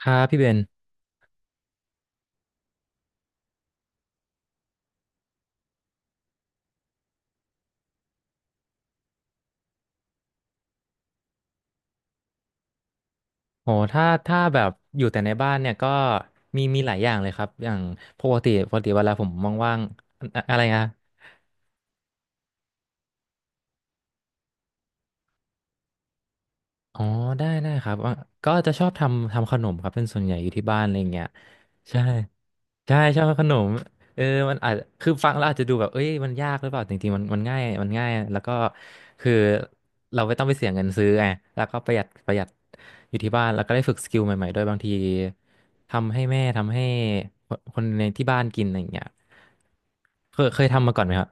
ครับพี่เบนโหถ้า แบบ อยู่แต่ในบ้านเนี่ย ก็ มี หลาย อย่างเลยครับ อย่างปกติเวลาผม ว่างๆอะอะไรนะ อ๋อได้ครับอ่ะก็จะชอบทำขนมครับเป็นส่วนใหญ่อยู่ที่บ้านอะไรอย่างเงี้ยใช่ใช่ชอบขนมเออมันอาจคือฟังแล้วอาจจะดูแบบเอ้ยมันยากหรือเปล่าจริงๆมันง่ายมันง่ายแล้วก็คือเราไม่ต้องไปเสียเงินซื้อไงแล้วก็ประหยัดอยู่ที่บ้านแล้วก็ได้ฝึกสกิลใหม่ๆด้วยบางทีทำให้แม่ทำให้คนคนในที่บ้านกินอะไรอย่างเงี้ยเคยทำมาก่อนไหมครับ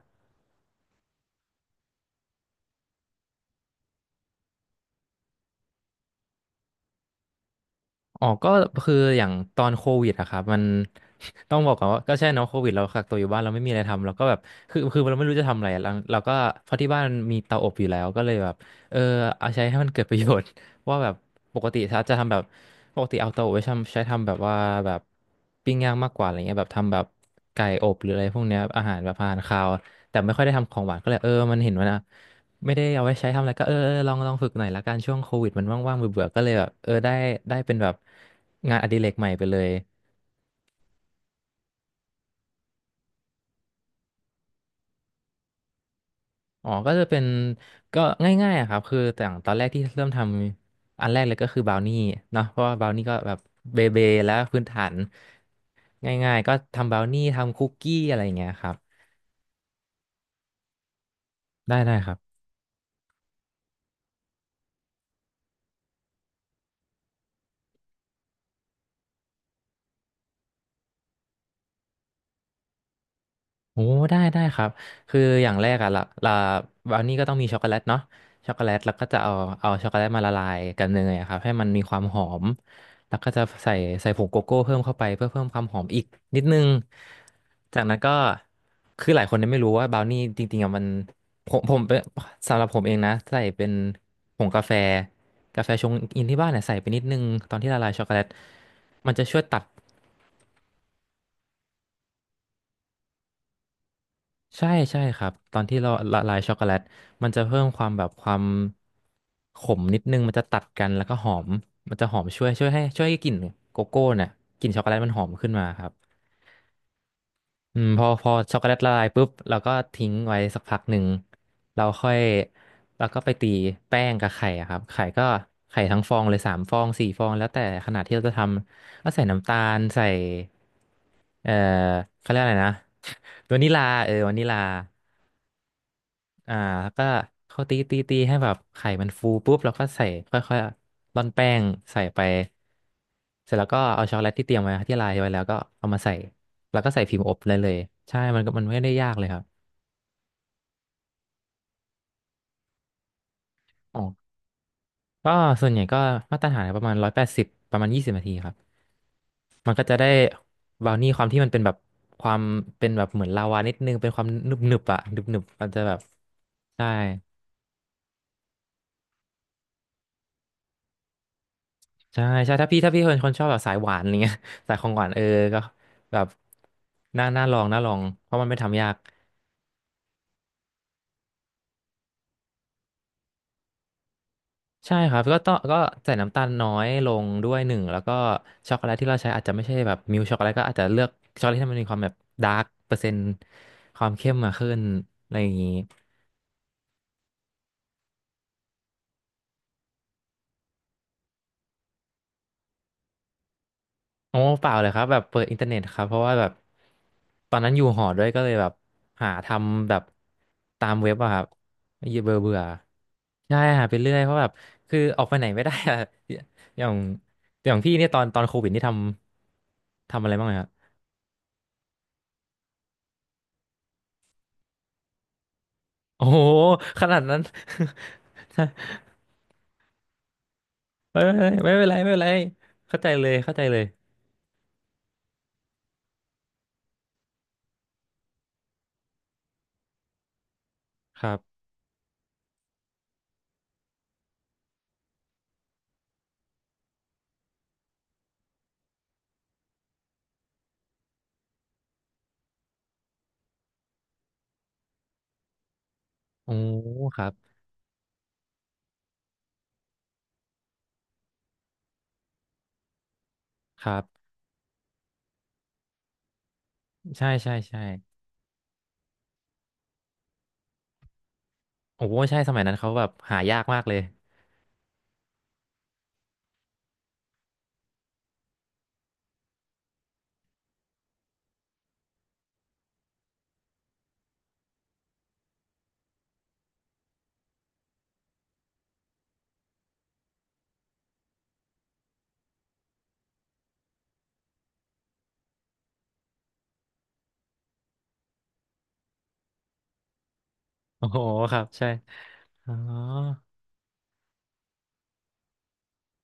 อ๋อก็คืออย่างตอนโควิดอะครับมัน ต้องบอกก่อนว่าก็ใช่เนาะโควิดเรากักตัวอยู่บ้านเราไม่มีอะไรทำเราก็แบบคือเราไม่รู้จะทำอะไรเราก็เพราะที่บ้านมีเตาอบอยู่แล้วก็เลยแบบเออเอาใช้ให้มันเกิดประโยชน์ ว่าแบบปกติถ้าจะทำแบบปกติเอาเตาอบไว้ทำใช้ทำแบบว่าแบบปิ้งย่างมากกว่าอะไรเงี้ยแบบทำแบบไก่อบหรืออะไรพวกเนี้ยอาหารแบบอาหารคาวแต่ไม่ค่อยได้ทำของหวานก็เลยเออมันเห็นว่านะ ไม่ได้เอาไว้ใช้ทำอะไรก็เออลองฝึกหน่อยละกันช่วงโควิดมันว่างๆเบื่อๆก็เลยแบบเออได้ได้เป็นแบบงานอดิเรกใหม่ไปเลยอ๋อก็จะเป็นก็ง่ายๆอะครับคือแต่างตอนแรกที่เริ่มทำอันแรกเลยก็คือบราวนี่เนาะเพราะว่าบราวนี่ก็แบบเบแล้วพื้นฐานง่ายๆก็ทำบราวนี่ทำคุกกี้อะไรอย่างเงี้ยครับได้ครับ โอ้ได้ครับคืออย่างแรกอะละบราวนี่ก็ต้องมีช็อกโกแลตเนาะช็อกโกแลตแล้วก็จะเอาเอาช็อกโกแลตมาละลายกับเนยอะครับให้มันมีความหอมแล้วก็จะใส่ใส่ผงโกโก้เพิ่มเข้าไปเพื่อเพิ่มความหอมอีกนิดนึงจากนั้นก็คือหลายคนเนี่ยไม่รู้ว่าบราวนี่จริงๆอะมันผมเป็นสำหรับผมเองนะใส่เป็นผงกาแฟกาแฟชงอินที่บ้านเนี่ยใส่ไปนิดนึงตอนที่ละลายช็อกโกแลตมันจะช่วยตัด ใช่ครับตอนที่เราละลายช็อกโกแลตมันจะเพิ่มความแบบความขมนิดนึงมันจะตัดกันแล้วก็หอมมันจะหอมช่วยให้ช่วยให้กลิ่นโกโก้เนี่ยกลิ่นช็อกโกแลตมันหอมขึ้นมาครับอืมพอช็อกโกแลตละลายปุ๊บเราก็ทิ้งไว้สักพักหนึ่งเราค่อยเราก็ไปตีแป้งกับไข่อะครับไข่ก็ไข่ทั้งฟองเลย3 ฟอง4 ฟองแล้วแต่ขนาดที่เราจะทำก็ใส่น้ำตาลใส่เอ่อเขาเรียกอะไรนะ วานิลาเออวานิลา อ่าแล้วก็เขาตีให้แบบไข่มันฟูปุ๊บแล้วก็ใส่ค่อยๆร่อนแป้งใส่ไปเสร็จแล้วก็เอาช็อกโกแลตที่เตรียมไว้ที่ลายไว้แล้วก็เอามาใส่แล้วก็ใส่พิมพ์อบเลยใช่มันก็มันไม่ได้ยากเลยครับอ๋อก็ส่วนใหญ่ก็มาตรฐานประมาณ180ประมาณ20 นาทีครับมันก็จะได้บราวนี่ความที่มันเป็นแบบความเป็นแบบเหมือนลาวานิดนึงเป็นความหนึบหนึบอะหนึบหนึบมันจะแบบใช่ ใช่ใช่ถ้าพี่เป็นคนชอบแบบสายหวานอะไรเงี้ย สายของหวานเออก็แบบน่าลองเพราะมันไม่ทำยากใช่ครับก็ต้องใส่น้ำตาลน้อยลงด้วยหนึ่งแล้วก็ช็อกโกแลตที่เราใช้อาจจะไม่ใช่แบบมิลช็อกโกแลตก็อาจจะเลือกช็อกโกแลตที่มันมีความแบบดาร์กเปอร์เซ็นต์ความเข้มมาขึ้นอะไรอย่างนี้ โอ้เปล่าเลยครับแบบเปิดอินเทอร์เน็ตครับเพราะว่าแบบตอนนั้นอยู่หอด้วยก็เลยแบบหาทำแบบตามเว็บอะครับเบื่อเบื่อใช่หาไปเรื่อยเพราะแบบคือออกไปไหนไม่ได้อะ อย่างอย่างพี่เนี่ยตอนโควิดนี่ทำอะไรบ้างไหมครับโอ้โหขนาดนั้น ไม่เป็นไรเข้าใจเลยครับโอ้ครับครับใช่ใช่ใช่โอ้โหใช่สมัยนั้นเขาแบบหายากมากเลยโอ้โหครับใช่ อ๋อ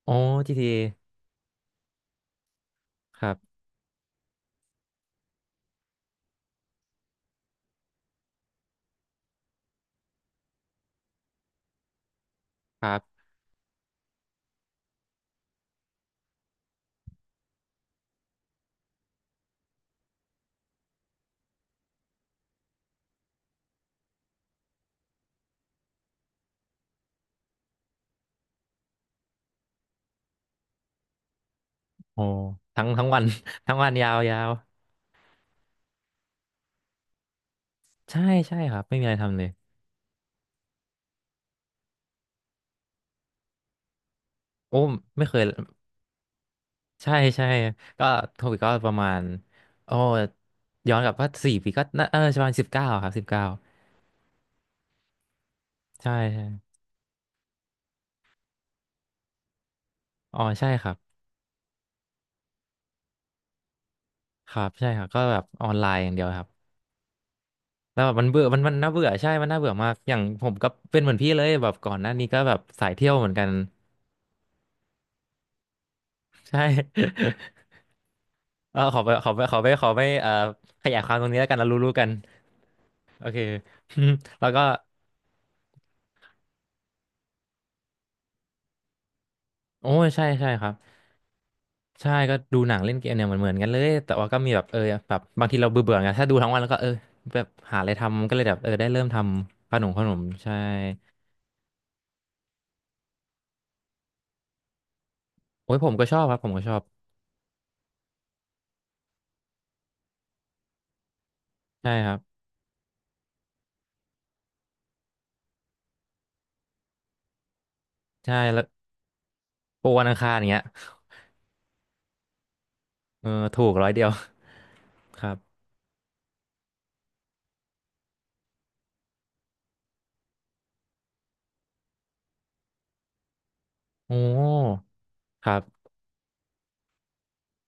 อ๋อ GTA ครับครับโอ้ทั้งวัน ทั้งวันยาวใช่ใช่ครับไม่มีอะไรทำเลย โอ้ไม่เคยใช่ใช่ ก็โควิดก็ประมาณโอ้ย้อนกลับว่า4 ปีก็น่าประมาณสิบเก้าครับสิบเก้าใช่ใช่อ๋อใช่ครับครับใช่ครับก็แบบออนไลน์อย่างเดียวครับแล้วแบบมันเบื่อมันน่าเบื่อใช่มันน่าเบื่อมากอย่างผมก็เป็นเหมือนพี่เลยแบบก่อนหน้านี้ก็แบบสายเที่ยวเหมือนกัน ใช่ ขอไปขอไปขอไปขอไปขยายความตรงนี้แล้วกันเรารู้ๆกันโอเค แล้วก็โอ้ยใช่ใช่ครับใช่ก็ดูหนังเล่นเกมเนี่ยเหมือนกันเลยแต่ว่าก็มีแบบแบบบางทีเราเบื่อเบื่อไงถ้าดูทั้งวันแล้วก็แบบหาอะไรทำก็เลยแบบได้เริ่มทำขนมขนมใช่โอ้ยผมก็ชอบครับผมก็ชอบใช่ครับใช่แล้วโปรวันอังคารอย่างเงี้ยเออถูก100 เดียว ครับโอ้ครับ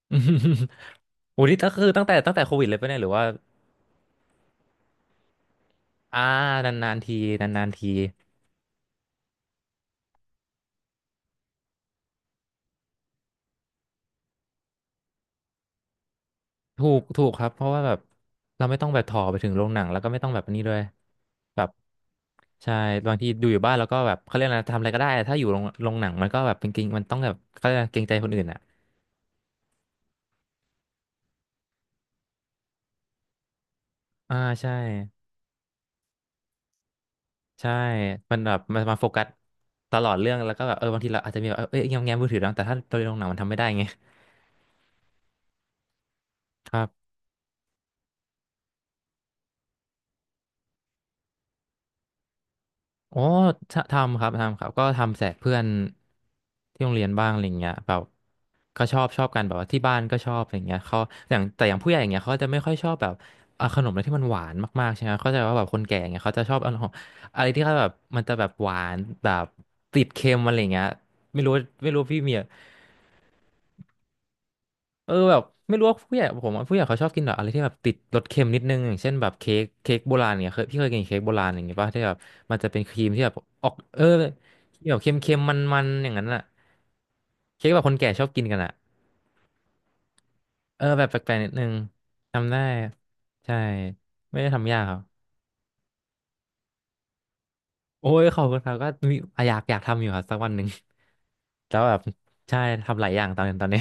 โอ้นี่ก็คือตั้งแต่โควิดเลยปะเนี่ยหรือว่าอ่านานๆทีนานๆที ถูกถูกครับเพราะว่าแบบเราไม่ต้องแบบถอไปถึงโรงหนังแล้วก็ไม่ต้องแบบนี้ด้วยแบบใช่บางทีดูอยู่บ้านแล้วก็แบบเขาเรียกอะไรทำอะไรก็ได้ถ้าอยู่โรงโรงหนังมันก็แบบเป็นเกรงมันต้องแบบเขาเรียกอะไรเกรงใจคนอื่นอ่ะอ่าใช่ใช่มันแบบมันมาโฟกัสตลอดเรื่องแล้วก็แบบบางทีเราอาจจะมีแบบเอ้ยแง้มแง้มมือถือบ้างแต่ถ้าตอนโรงหนังมันทำไม่ได้ไงครับ อ๋อททำครับทำครับก็ทำแจกเพื่อนที่โรงเรียนบ้างอะไรเงี้ยแบบก็ชอบชอบกันแบบว่าที่บ้านก็ชอบอะไรเงี้ยเขาอย่างแต่อย่างผู้ใหญ่อย่างเงี้ยเขาจะไม่ค่อยชอบแบบเอาขนมอะไรที่มันหวานมากๆใช่ไหมเขาใจะว่าแบบคนแก่อย่างเงี้ยเขาจะชอบเอาของอะไรที่เขาแบบมันจะแบบหวานแบบติดเค็มอะไรเงี้ยไม่รู้ไม่รู้พี่เมีย เออแบบไม่รู้ว่าผู้ใหญ่ผมว่าผู้ใหญ่เขาชอบกินแบบอะไรที่แบบติดรสเค็มนิดนึงอย่างเช่นแบบเค้กเค้กโบราณเนี่ยเคยพี่เคยกินเค้กโบราณอย่างเงี้ยป่ะที่แบบมันจะเป็นครีมที่แบบออกที่แบบเค็มๆมันๆอย่างนั้นอะเค้กแบบคนแก่ชอบกินกันอะเออแบบแปลกๆนิดนึงทำได้ใช่ไม่ได้ทำยากครับโอ้ยขอบคุณครับก็มีอยากอยากทำอยู่ครับสักวันหนึ่ง แล้วแบบใช่ทำหลายอย่างตอนนี้ตอนนี้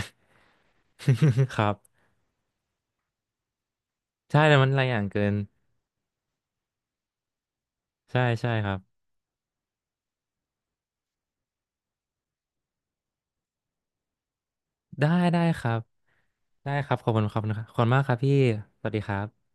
ครับใช่แต่มันหลายอย่างเกินใช่ใช่ครับได้ได้ครับ ได้ครับขอบคุณครับขอบคุณมากครับพี่สวัสดีครับ